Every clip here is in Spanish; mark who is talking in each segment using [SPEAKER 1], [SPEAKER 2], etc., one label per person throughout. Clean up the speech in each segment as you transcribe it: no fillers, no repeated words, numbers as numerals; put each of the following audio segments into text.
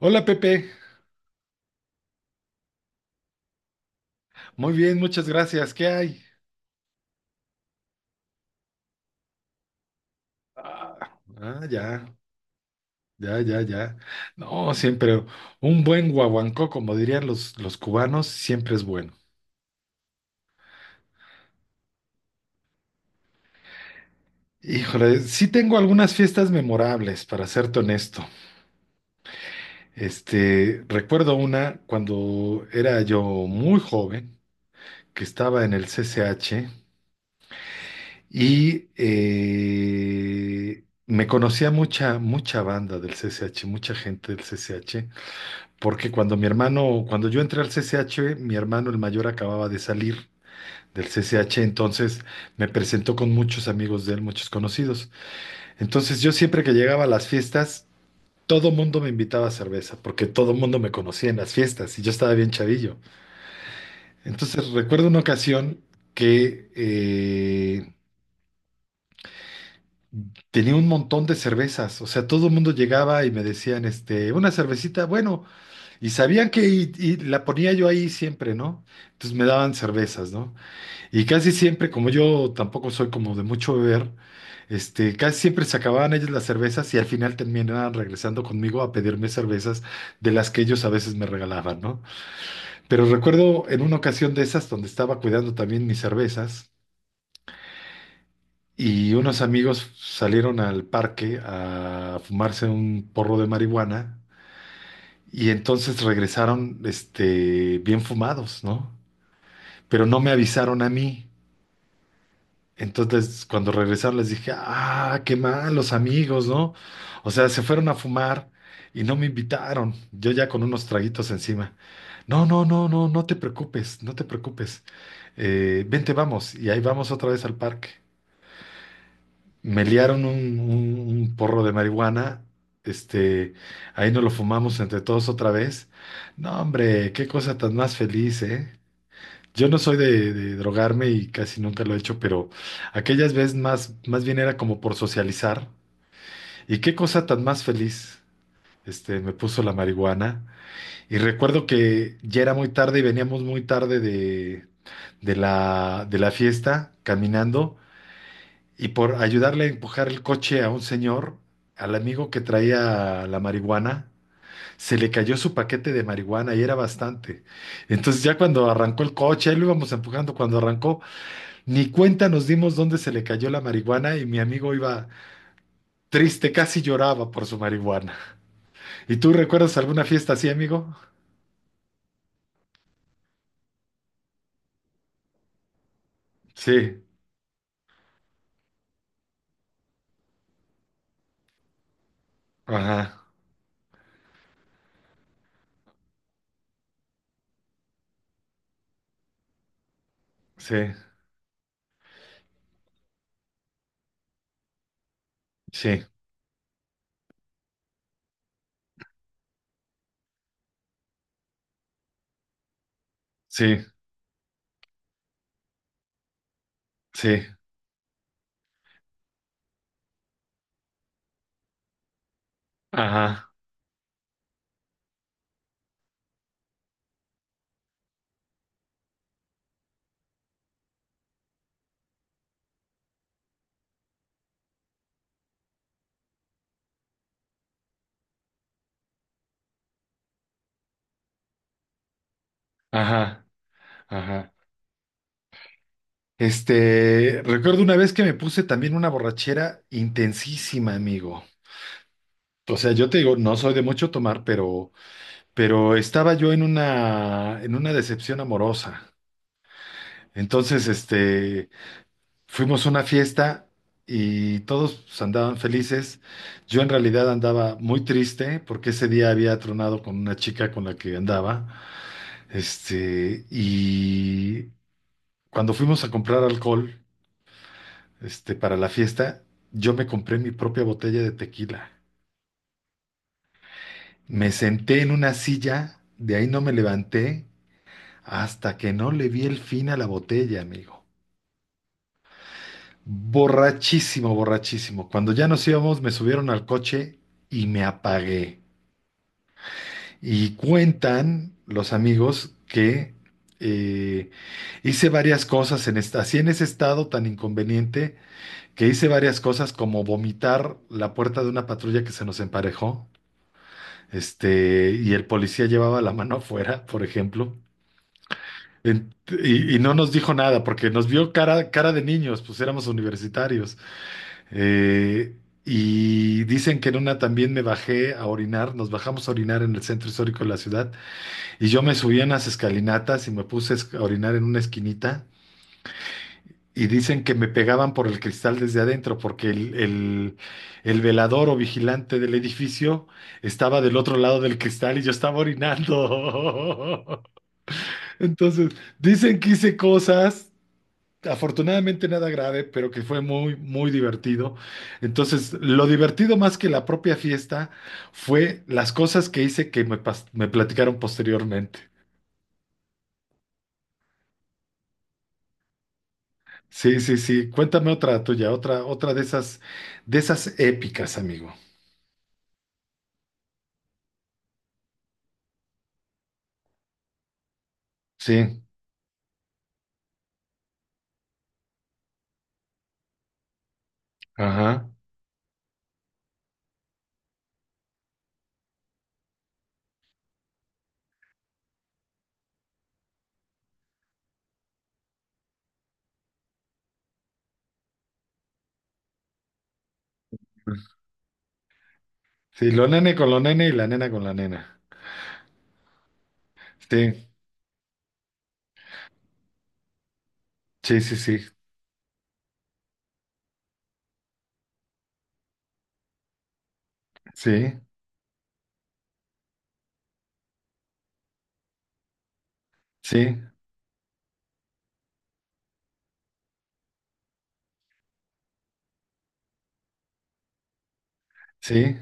[SPEAKER 1] Hola Pepe, muy bien, muchas gracias. ¿Qué hay? Ah, ya, ya, ya, ya. No, siempre un buen guaguancó, como dirían los cubanos, siempre es bueno. Híjole, sí tengo algunas fiestas memorables, para serte honesto. Este, recuerdo una cuando era yo muy joven, que estaba en el CCH y me conocía mucha banda del CCH, mucha gente del CCH. Porque cuando mi hermano, cuando yo entré al CCH, mi hermano el mayor acababa de salir del CCH, entonces me presentó con muchos amigos de él, muchos conocidos. Entonces yo siempre que llegaba a las fiestas, todo mundo me invitaba a cerveza, porque todo mundo me conocía en las fiestas y yo estaba bien chavillo. Entonces recuerdo una ocasión que tenía un montón de cervezas, o sea, todo el mundo llegaba y me decían, este, una cervecita, bueno. Y sabían que y la ponía yo ahí siempre, ¿no? Entonces me daban cervezas, ¿no? Y casi siempre, como yo tampoco soy como de mucho beber, este, casi siempre se acababan ellos las cervezas y al final terminaban regresando conmigo a pedirme cervezas de las que ellos a veces me regalaban, ¿no? Pero recuerdo en una ocasión de esas donde estaba cuidando también mis cervezas y unos amigos salieron al parque a fumarse un porro de marihuana y entonces regresaron, este, bien fumados, ¿no? Pero no me avisaron a mí. Entonces, cuando regresaron, les dije, ah, qué mal, los amigos, ¿no? O sea, se fueron a fumar y no me invitaron. Yo ya con unos traguitos encima. No, no, no, no, no te preocupes, no te preocupes. Vente, vamos. Y ahí vamos otra vez al parque. Me liaron un porro de marihuana. Este, ahí nos lo fumamos entre todos otra vez. No, hombre, qué cosa tan más feliz, ¿eh? Yo no soy de drogarme y casi nunca lo he hecho, pero aquellas veces más bien era como por socializar. Y qué cosa tan más feliz. Este, me puso la marihuana. Y recuerdo que ya era muy tarde y veníamos muy tarde de la fiesta caminando y por ayudarle a empujar el coche a un señor, al amigo que traía la marihuana, se le cayó su paquete de marihuana y era bastante. Entonces ya cuando arrancó el coche, ahí lo íbamos empujando, cuando arrancó, ni cuenta nos dimos dónde se le cayó la marihuana y mi amigo iba triste, casi lloraba por su marihuana. ¿Y tú recuerdas alguna fiesta así, amigo? Sí, ajá, sí, sí, sí, sí, ajá, ajá, ajá. Este, recuerdo una vez que me puse también una borrachera intensísima, amigo. O sea, yo te digo, no soy de mucho tomar, pero, estaba yo en una decepción amorosa. Entonces, este, fuimos a una fiesta y todos pues, andaban felices. Yo en realidad andaba muy triste porque ese día había tronado con una chica con la que andaba. Este, y cuando fuimos a comprar alcohol, este, para la fiesta, yo me compré mi propia botella de tequila. Me senté en una silla, de ahí no me levanté hasta que no le vi el fin a la botella, amigo. Borrachísimo, borrachísimo. Cuando ya nos íbamos, me subieron al coche y me apagué. Y cuentan los amigos que eh, hice varias cosas en esta, así en ese estado tan inconveniente, que hice varias cosas como vomitar la puerta de una patrulla que se nos emparejó, este, y el policía llevaba la mano afuera, por ejemplo. En- y no nos dijo nada porque nos vio cara, cara de niños, pues éramos universitarios. Eh, y dicen que en una también me bajé a orinar, nos bajamos a orinar en el centro histórico de la ciudad y yo me subí a las escalinatas y me puse a a orinar en una esquinita y dicen que me pegaban por el cristal desde adentro porque el velador o vigilante del edificio estaba del otro lado del cristal y yo estaba orinando. Entonces, dicen que hice cosas afortunadamente nada grave, pero que fue muy, muy divertido. Entonces, lo divertido más que la propia fiesta fue las cosas que hice que me platicaron posteriormente. Sí, sí, sí. Cuéntame otra tuya, otra de esas épicas, amigo. Sí, ajá. Sí, lo nene con lo nene y la nena con la nena. Sí, sí, sí, sí, sí, sí, sí,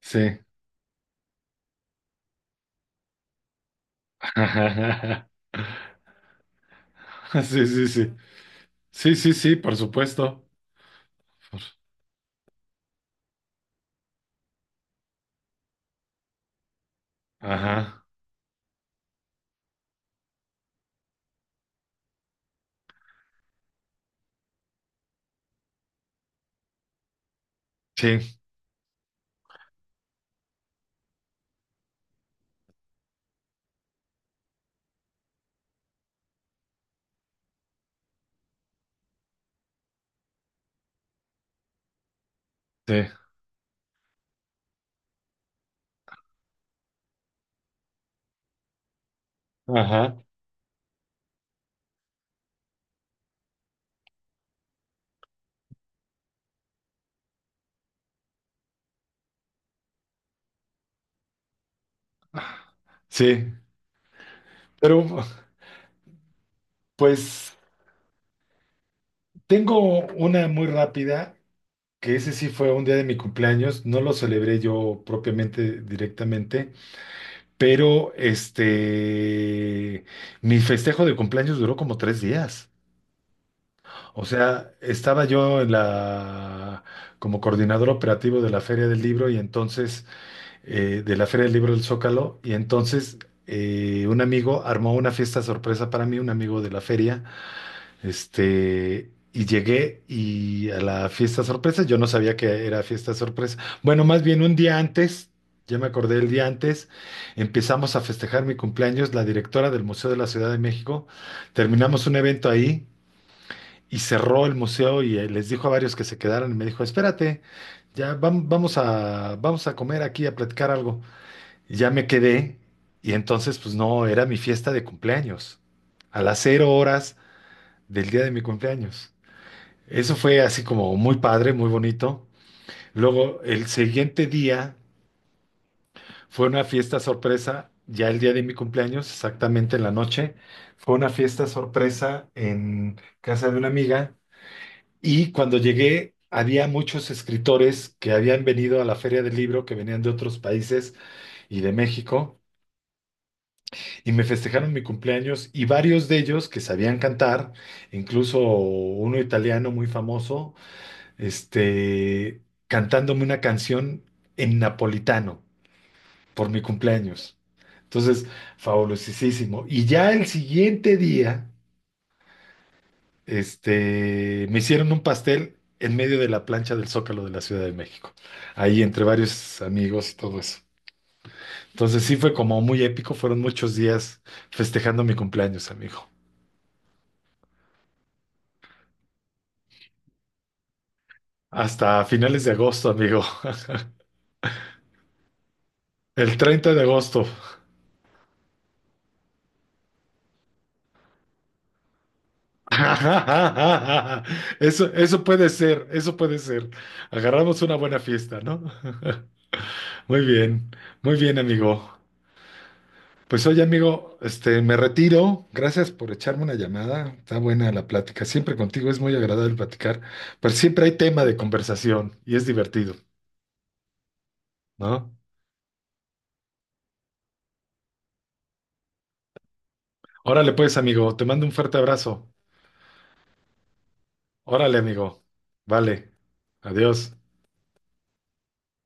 [SPEAKER 1] sí. Sí, sí, sí. Sí, sí, sí, por supuesto. Ajá, sí, sí, ajá, sí. Pero pues tengo una muy rápida, que ese sí fue un día de mi cumpleaños, no lo celebré yo propiamente directamente, pero este, mi festejo de cumpleaños duró como 3 días. O sea, estaba yo en la, como coordinador operativo de la Feria del Libro y entonces de la Feria del Libro del Zócalo y entonces un amigo armó una fiesta sorpresa para mí, un amigo de la feria, este, y llegué y a la fiesta sorpresa, yo no sabía que era fiesta sorpresa, bueno, más bien un día antes. Ya me acordé el día antes, empezamos a festejar mi cumpleaños, la directora del Museo de la Ciudad de México, terminamos un evento ahí y cerró el museo y les dijo a varios que se quedaran y me dijo, espérate, ya vamos a comer aquí, a platicar algo. Ya me quedé y entonces pues no, era mi fiesta de cumpleaños, a las 0 horas del día de mi cumpleaños. Eso fue así como muy padre, muy bonito. Luego el siguiente día fue una fiesta sorpresa, ya el día de mi cumpleaños, exactamente en la noche, fue una fiesta sorpresa en casa de una amiga y cuando llegué había muchos escritores que habían venido a la Feria del Libro, que venían de otros países y de México. Y me festejaron mi cumpleaños y varios de ellos que sabían cantar, incluso uno italiano muy famoso, este, cantándome una canción en napolitano por mi cumpleaños. Entonces, fabulosísimo. Y ya el siguiente día, este, me hicieron un pastel en medio de la plancha del Zócalo de la Ciudad de México, ahí entre varios amigos y todo eso. Entonces sí fue como muy épico, fueron muchos días festejando mi cumpleaños, amigo. Hasta finales de agosto, amigo. El 30 de agosto. Eso puede ser, eso puede ser. Agarramos una buena fiesta, ¿no? Muy bien, muy bien, amigo. Pues oye, amigo, este, me retiro. Gracias por echarme una llamada. Está buena la plática. Siempre contigo es muy agradable platicar, pero siempre hay tema de conversación y es divertido, ¿no? Órale, pues, amigo, te mando un fuerte abrazo. Órale, amigo. Vale. Adiós.